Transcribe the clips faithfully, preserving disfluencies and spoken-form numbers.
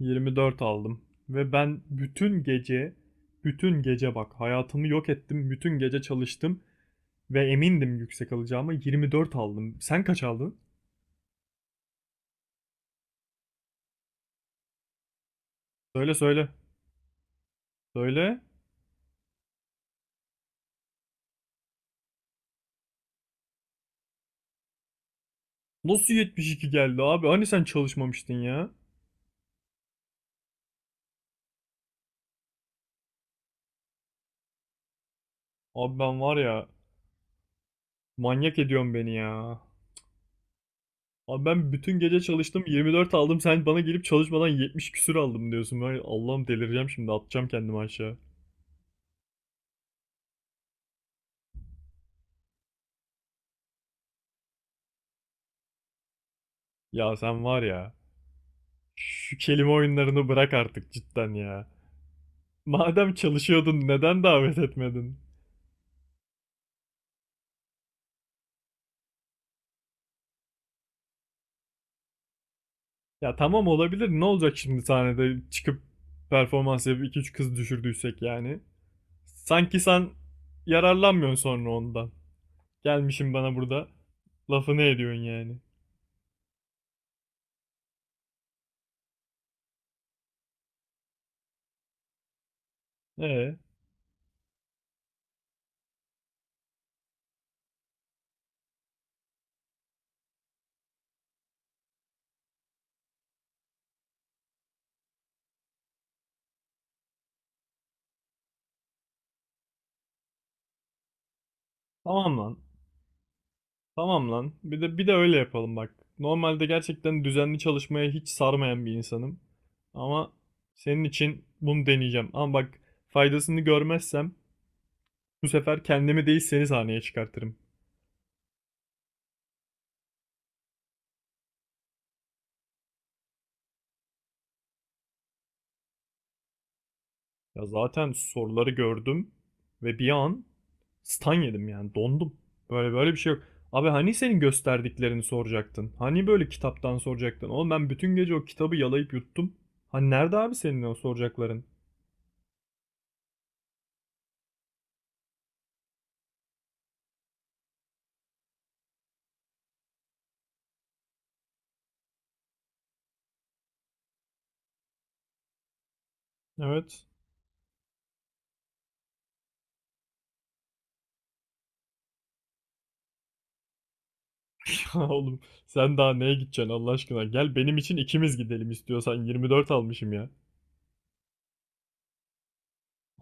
yirmi dört aldım. Ve ben bütün gece, bütün gece bak hayatımı yok ettim. Bütün gece çalıştım ve emindim yüksek alacağıma yirmi dört aldım. Sen kaç aldın? Söyle söyle. Söyle. Nasıl yetmiş iki geldi abi? Hani sen çalışmamıştın ya? Abi ben var ya, manyak ediyorsun beni ya. Abi ben bütün gece çalıştım yirmi dört aldım. Sen bana gelip çalışmadan yetmiş küsür aldım diyorsun. Ben Allah'ım, delireceğim şimdi, atacağım kendimi aşağı. Ya sen var ya, şu kelime oyunlarını bırak artık cidden ya. Madem çalışıyordun neden davet etmedin? Ya tamam, olabilir. Ne olacak şimdi sahnede çıkıp performans yapıp iki üç kız düşürdüysek yani. Sanki sen yararlanmıyorsun sonra ondan. Gelmişim bana burada lafını ediyorsun yani. Ee, tamam lan. Tamam lan. Bir de bir de öyle yapalım bak. Normalde gerçekten düzenli çalışmaya hiç sarmayan bir insanım. Ama senin için bunu deneyeceğim. Ama bak, faydasını görmezsem bu sefer kendimi değil seni sahneye çıkartırım. Ya zaten soruları gördüm ve bir an stan yedim yani dondum. Böyle böyle bir şey yok. Abi hani senin gösterdiklerini soracaktın? Hani böyle kitaptan soracaktın? Oğlum ben bütün gece o kitabı yalayıp yuttum. Hani nerede abi senin o soracakların? Evet. Ya oğlum, sen daha neye gideceksin Allah aşkına? Gel benim için ikimiz gidelim istiyorsan, yirmi dört almışım ya.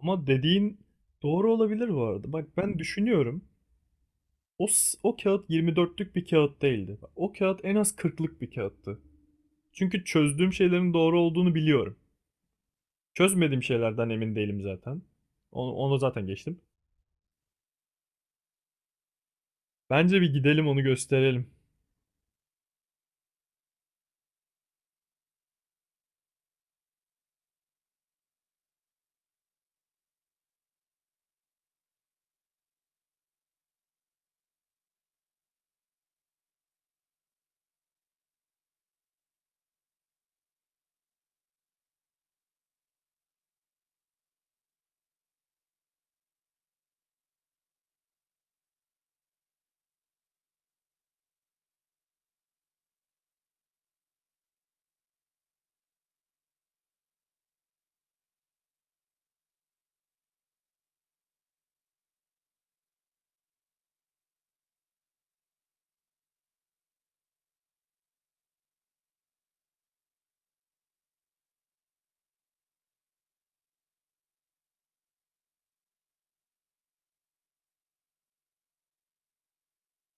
Ama dediğin doğru olabilir bu arada. Bak ben düşünüyorum. O, s- o kağıt yirmi dörtlük bir kağıt değildi. O kağıt en az kırklık bir kağıttı. Çünkü çözdüğüm şeylerin doğru olduğunu biliyorum. Çözmediğim şeylerden emin değilim zaten. Onu, onu zaten geçtim. Bence bir gidelim onu gösterelim.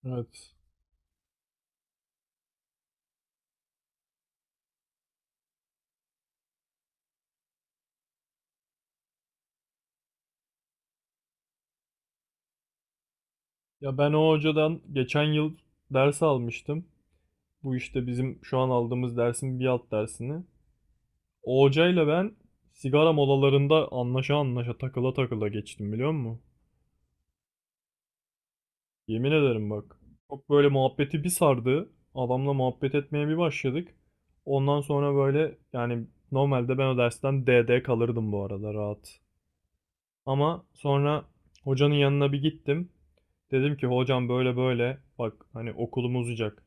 Evet. Ya ben o hocadan geçen yıl ders almıştım. Bu işte bizim şu an aldığımız dersin bir alt dersini. O hocayla ben sigara molalarında anlaşa anlaşa takıla takıla geçtim, biliyor musun? Yemin ederim bak. Çok böyle muhabbeti bir sardı. Adamla muhabbet etmeye bir başladık. Ondan sonra böyle yani normalde ben o dersten D D kalırdım bu arada, rahat. Ama sonra hocanın yanına bir gittim. Dedim ki hocam böyle böyle bak, hani okulum uzayacak.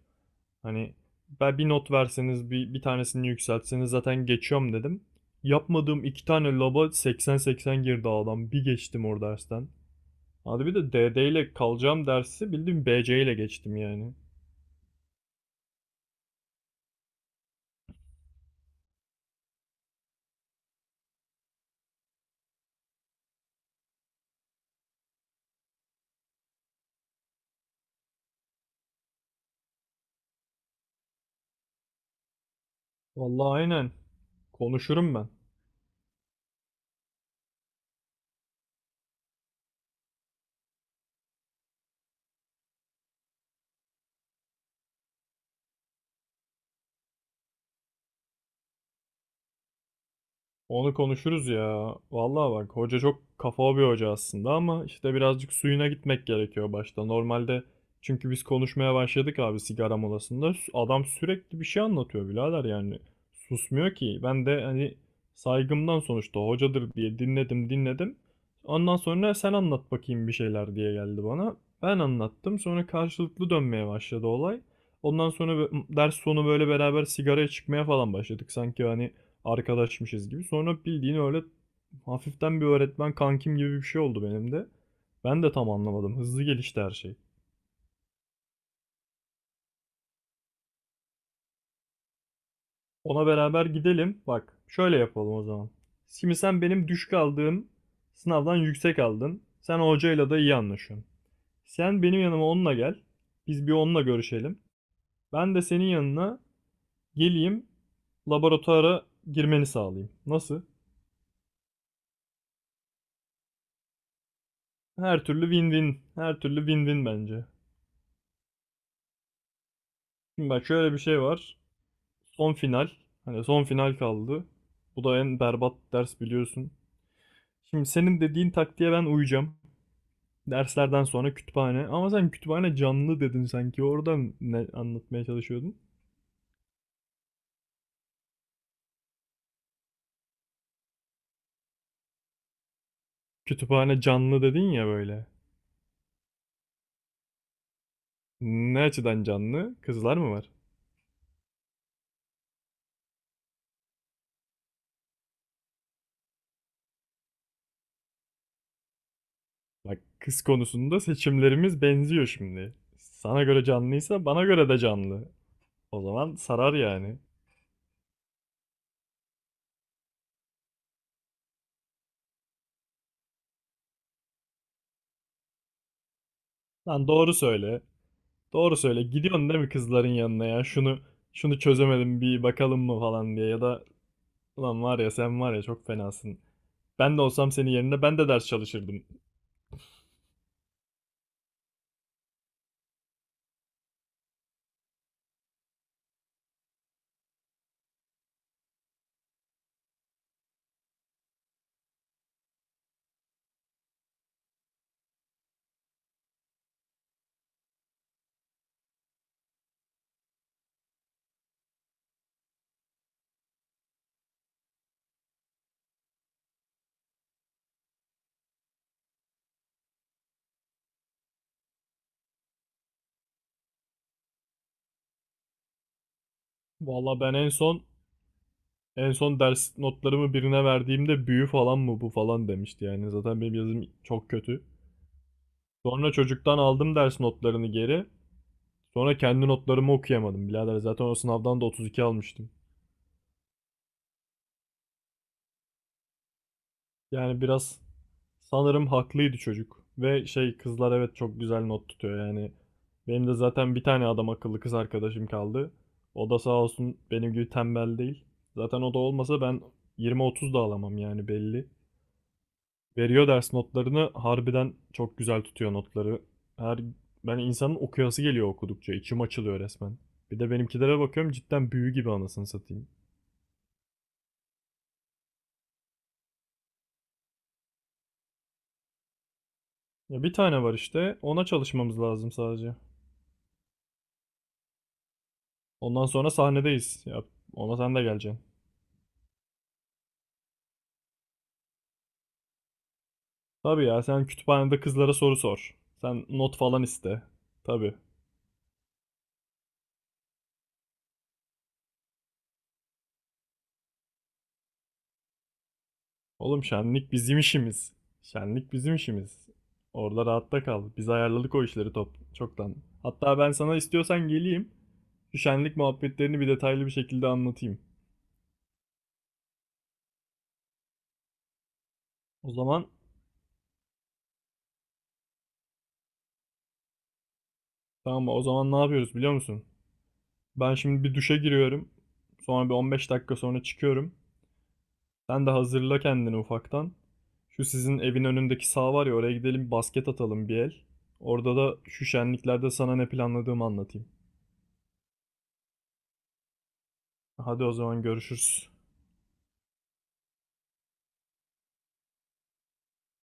Hani ben bir not verseniz, bir, bir tanesini yükseltseniz zaten geçiyorum dedim. Yapmadığım iki tane laba seksen seksen girdi adam. Bir geçtim o dersten. Hadi bir de D D ile kalacağım dersi bildiğin B C ile geçtim yani. Vallahi aynen. Konuşurum ben. Onu konuşuruz ya. Vallahi bak, hoca çok kafa bir hoca aslında ama işte birazcık suyuna gitmek gerekiyor başta. Normalde çünkü biz konuşmaya başladık abi sigara molasında. Adam sürekli bir şey anlatıyor birader yani. Susmuyor ki. Ben de hani saygımdan sonuçta hocadır diye dinledim dinledim. Ondan sonra sen anlat bakayım bir şeyler diye geldi bana. Ben anlattım. Sonra karşılıklı dönmeye başladı olay. Ondan sonra bö- ders sonu böyle beraber sigaraya çıkmaya falan başladık. Sanki hani arkadaşmışız gibi. Sonra bildiğin öyle hafiften bir öğretmen kankim gibi bir şey oldu benim de. Ben de tam anlamadım. Hızlı gelişti her şey. Ona beraber gidelim. Bak şöyle yapalım o zaman. Şimdi sen benim düşük aldığım sınavdan yüksek aldın. Sen hocayla da iyi anlaşıyorsun. Sen benim yanıma onunla gel. Biz bir onunla görüşelim. Ben de senin yanına geleyim. Laboratuvara girmeni sağlayayım. Nasıl? Her türlü win-win. Her türlü win-win bence. Şimdi bak şöyle bir şey var. Son final. Hani son final kaldı. Bu da en berbat ders, biliyorsun. Şimdi senin dediğin taktiğe ben uyacağım. Derslerden sonra kütüphane. Ama sen kütüphane canlı dedin sanki. Oradan ne anlatmaya çalışıyordun? Kütüphane canlı dedin ya böyle. Ne açıdan canlı? Kızlar mı var? Bak, kız konusunda seçimlerimiz benziyor şimdi. Sana göre canlıysa bana göre de canlı. O zaman sarar yani. Lan doğru söyle. Doğru söyle. Gidiyorsun değil mi kızların yanına ya? Şunu şunu çözemedim bir bakalım mı falan diye, ya da ulan var ya, sen var ya çok fenasın. Ben de olsam senin yerinde ben de ders çalışırdım. Valla ben en son en son ders notlarımı birine verdiğimde büyü falan mı bu falan demişti yani. Zaten benim yazım çok kötü. Sonra çocuktan aldım ders notlarını geri. Sonra kendi notlarımı okuyamadım. Birader zaten o sınavdan da otuz iki almıştım. Yani biraz sanırım haklıydı çocuk. Ve şey, kızlar, evet, çok güzel not tutuyor yani. Benim de zaten bir tane adam akıllı kız arkadaşım kaldı. O da sağ olsun benim gibi tembel değil. Zaten o da olmasa ben yirmi otuz da alamam yani, belli. Veriyor ders notlarını, harbiden çok güzel tutuyor notları. Her, ben insanın okuyası geliyor, okudukça içim açılıyor resmen. Bir de benimkilere bakıyorum cidden büyü gibi, anasını satayım. Ya bir tane var işte, ona çalışmamız lazım sadece. Ondan sonra sahnedeyiz. Ya ona sen de geleceksin. Tabii ya, sen kütüphanede kızlara soru sor. Sen not falan iste. Tabii. Oğlum şenlik bizim işimiz. Şenlik bizim işimiz. Orada rahatta kal. Biz ayarladık o işleri top çoktan. Hatta ben sana istiyorsan geleyim. Şu şenlik muhabbetlerini bir detaylı bir şekilde anlatayım. O zaman tamam, o zaman ne yapıyoruz biliyor musun? Ben şimdi bir duşa giriyorum. Sonra bir on beş dakika sonra çıkıyorum. Sen de hazırla kendini ufaktan. Şu sizin evin önündeki saha var ya, oraya gidelim basket atalım bir el. Orada da şu şenliklerde sana ne planladığımı anlatayım. Hadi o zaman görüşürüz.